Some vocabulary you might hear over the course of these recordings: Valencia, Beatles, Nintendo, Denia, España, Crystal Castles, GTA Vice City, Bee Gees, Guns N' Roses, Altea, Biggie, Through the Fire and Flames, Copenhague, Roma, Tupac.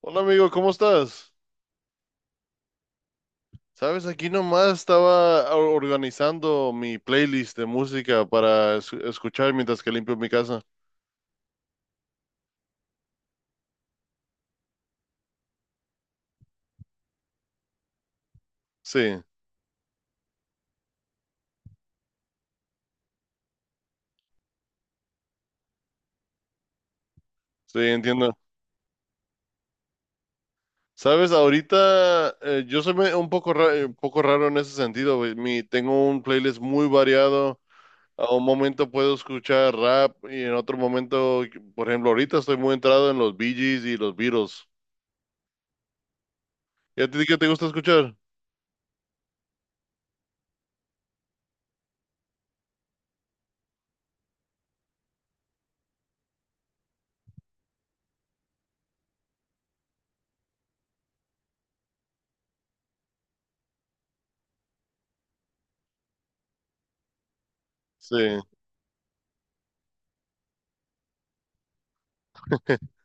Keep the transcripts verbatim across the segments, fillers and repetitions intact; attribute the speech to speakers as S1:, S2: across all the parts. S1: Hola amigo, ¿cómo estás? Sabes, aquí nomás estaba or- organizando mi playlist de música para es- escuchar mientras que limpio mi casa. Sí, sí, entiendo. Sabes, ahorita eh, yo soy me- un poco, ra- eh, un poco raro en ese sentido. Güey. Mi, tengo un playlist muy variado. A un momento puedo escuchar rap y en otro momento, por ejemplo, ahorita estoy muy entrado en los Bee Gees y los Beatles. ¿Y a ti qué te gusta escuchar? Sí,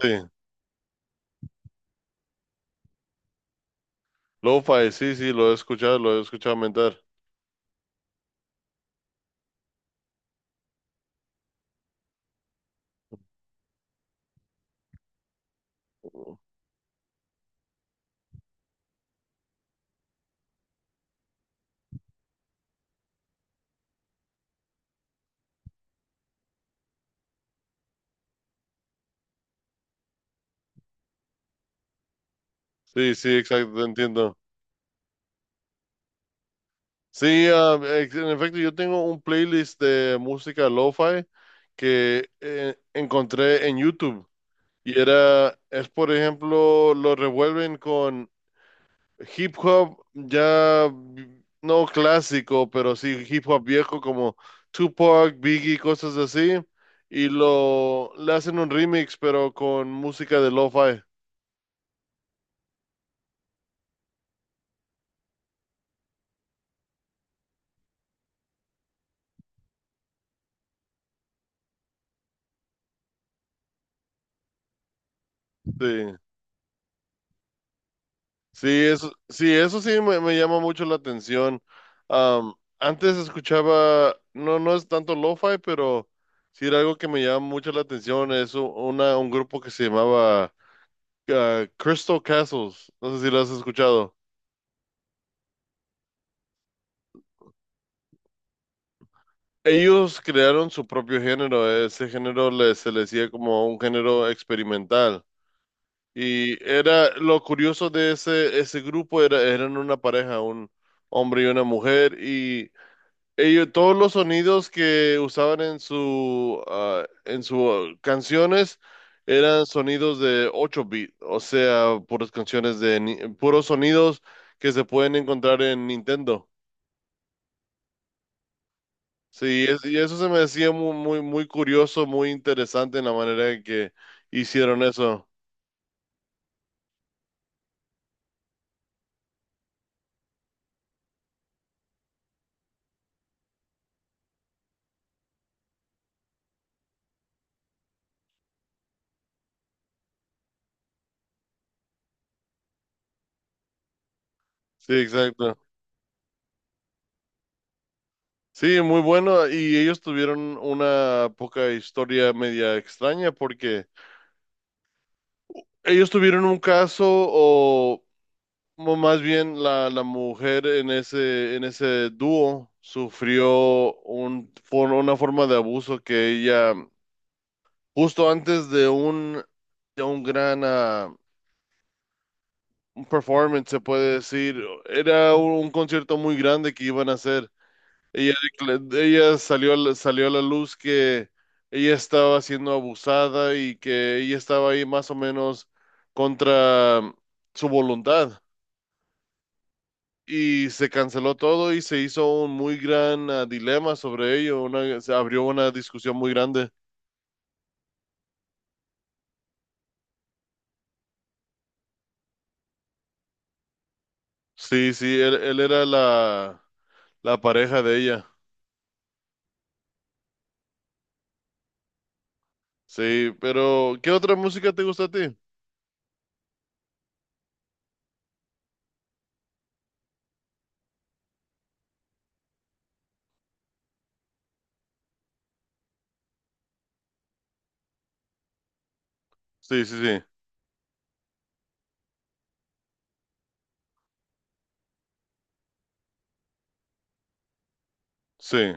S1: sí. Lo-fi, sí, sí, lo he escuchado, lo he escuchado mentar. Sí, sí, exacto, te entiendo. Sí, ah, ex- en efecto, yo tengo un playlist de música lo-fi que eh, encontré en YouTube. Y era, es por ejemplo, lo revuelven con hip hop ya vi- no clásico, pero sí hip hop viejo como Tupac, Biggie, cosas así. Y lo le hacen un remix, pero con música de lo-fi. Sí. Sí, eso, sí, eso sí me, me llama mucho la atención. Am, antes escuchaba, no, no es tanto lo-fi, pero sí era algo que me llama mucho la atención. Es u- una, un grupo que se llamaba ah, Crystal Castles. No sé si lo has escuchado. Ellos crearon su propio género. Ese género le- se le decía como un género experimental. Y era lo curioso de ese, ese grupo era, eran una pareja, un hombre y una mujer, y ellos, todos los sonidos que usaban en su, ah, en sus canciones eran sonidos de ocho bits, o sea, puras canciones de ni- puros sonidos que se pueden encontrar en Nintendo. Sí, es- y eso se me decía muy, muy, muy curioso, muy interesante en la manera en que hicieron eso. Sí, exacto. Sí, muy bueno. Y ellos tuvieron una poca historia media extraña porque ellos tuvieron un caso o Mo- Más bien la, la mujer en ese, en ese dúo sufrió un, for- una forma de abuso que ella, justo antes de un, de un gran ah, un performance, se puede decir, era un concierto muy grande que iban a hacer. Ella, decla- ella salió, a la- salió a la luz que ella estaba siendo abusada y que ella estaba ahí más o menos contra su voluntad. Y se canceló todo y se hizo un muy gran ah, dilema sobre ello. Una, se abrió una discusión muy grande. Sí, sí, él, él era la, la pareja de ella. Sí, pero ¿qué otra música te gusta a ti? Sí, sí, sí, sí.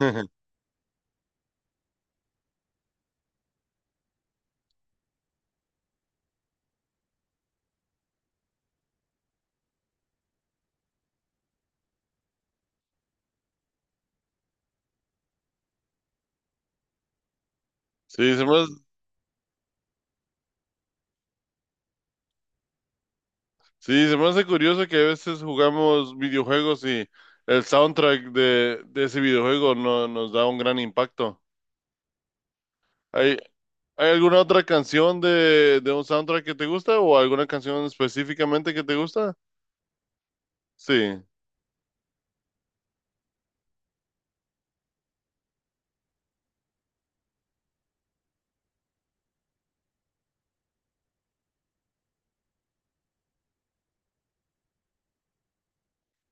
S1: Sí, se me hace, sí, se me hace curioso que a veces jugamos videojuegos y el soundtrack de, de ese videojuego no, nos da un gran impacto. ¿Hay, hay alguna otra canción de, de un soundtrack que te gusta o alguna canción específicamente que te gusta? Sí,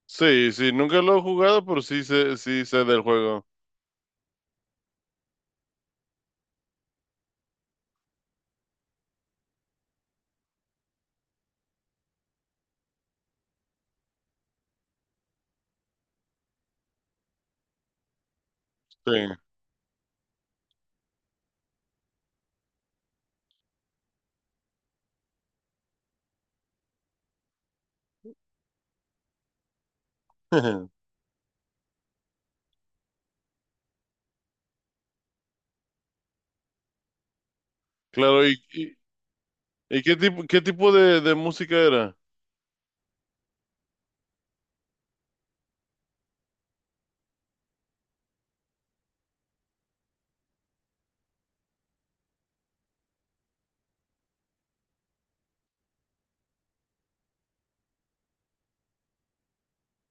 S1: sí, sí, nunca lo he jugado, pero sí sé, sí sé del juego. Sí. Claro, ¿y, y, y qué tipo, qué tipo de, de música era?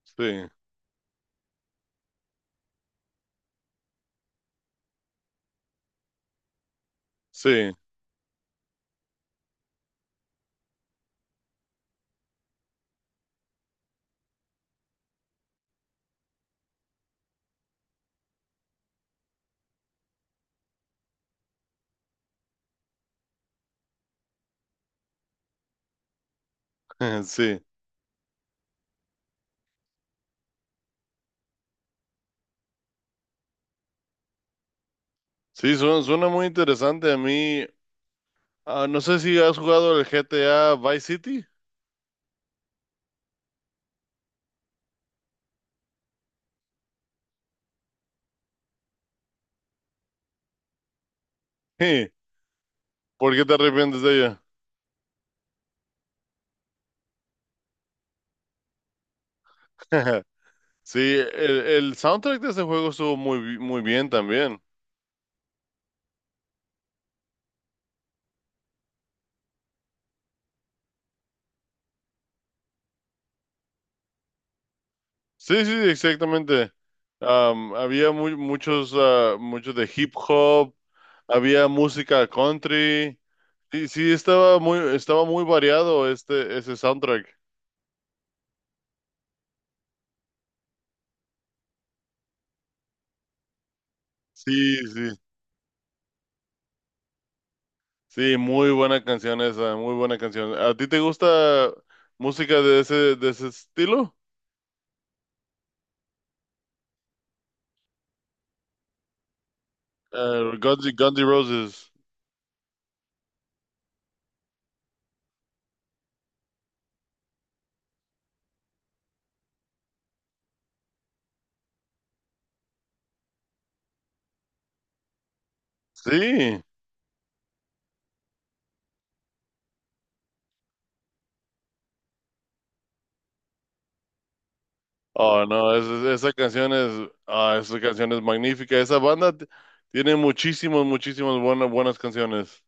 S1: Sí, sí, sí. Sí, suena, suena muy interesante. A mí, ah, no sé si has jugado el G T A Vice City. Sí, ¿por qué te arrepientes de ella? Sí, el, el soundtrack de ese juego estuvo muy, bi- muy bien también. Sí, sí, exactamente. Am, había muy, muchos, ah, muchos de hip hop. Había música country. Sí, sí, estaba muy, estaba muy variado este, ese soundtrack. Sí, sí, sí, muy buena canción esa, muy buena canción. ¿A ti te gusta música de ese, de ese estilo? Eh, Guns, Guns N' Roses. Sí. Oh, no, es- esa canción es, ah, esa canción es magnífica. Esa banda t- tiene muchísimas, muchísimas buenas, buenas canciones.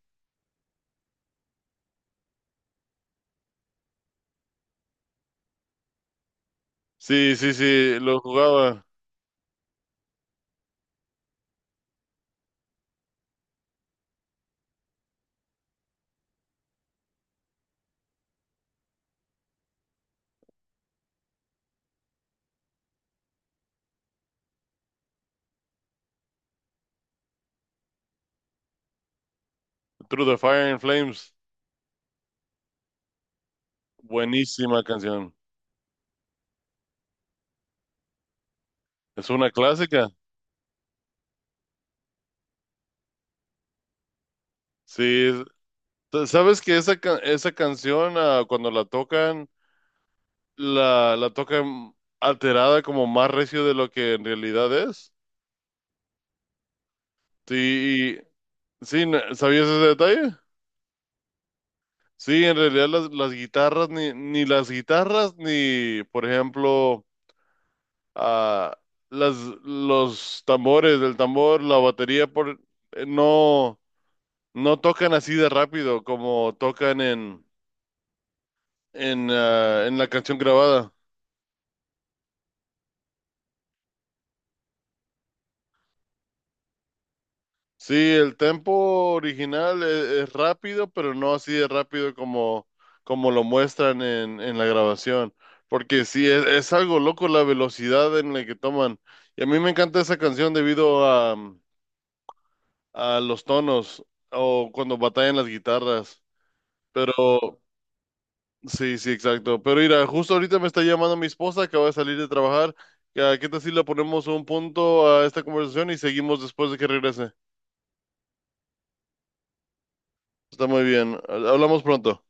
S1: Sí, sí, sí, lo jugaba. Through the Fire and Flames. Buenísima canción. Es una clásica. Sí, t- sabes que esa, ca- esa canción, ah, cuando la tocan, la, la tocan alterada como más recio de lo que en realidad es. Sí, y- sí, n- ¿sabías ese detalle? Sí, en realidad las, las guitarras, ni, ni las guitarras, ni, por ejemplo, ah, las, los tambores, el tambor, la batería, por, eh, no, no tocan así de rápido como tocan en, en, ah, en la canción grabada. Sí, el tempo original e- es rápido, pero no así de rápido como, como lo muestran en, en la grabación. Porque sí, es, es algo loco la velocidad en la que toman. Y a mí me encanta esa canción debido a, mm, a los tonos o cuando batallan las guitarras. Pero sí, sí, exacto. Pero mira, justo ahorita me está llamando mi esposa que va a salir de trabajar. ¿Qué qué tal si le ponemos un punto a esta conversación y seguimos después de que regrese? Está muy bien. Hablamos pronto.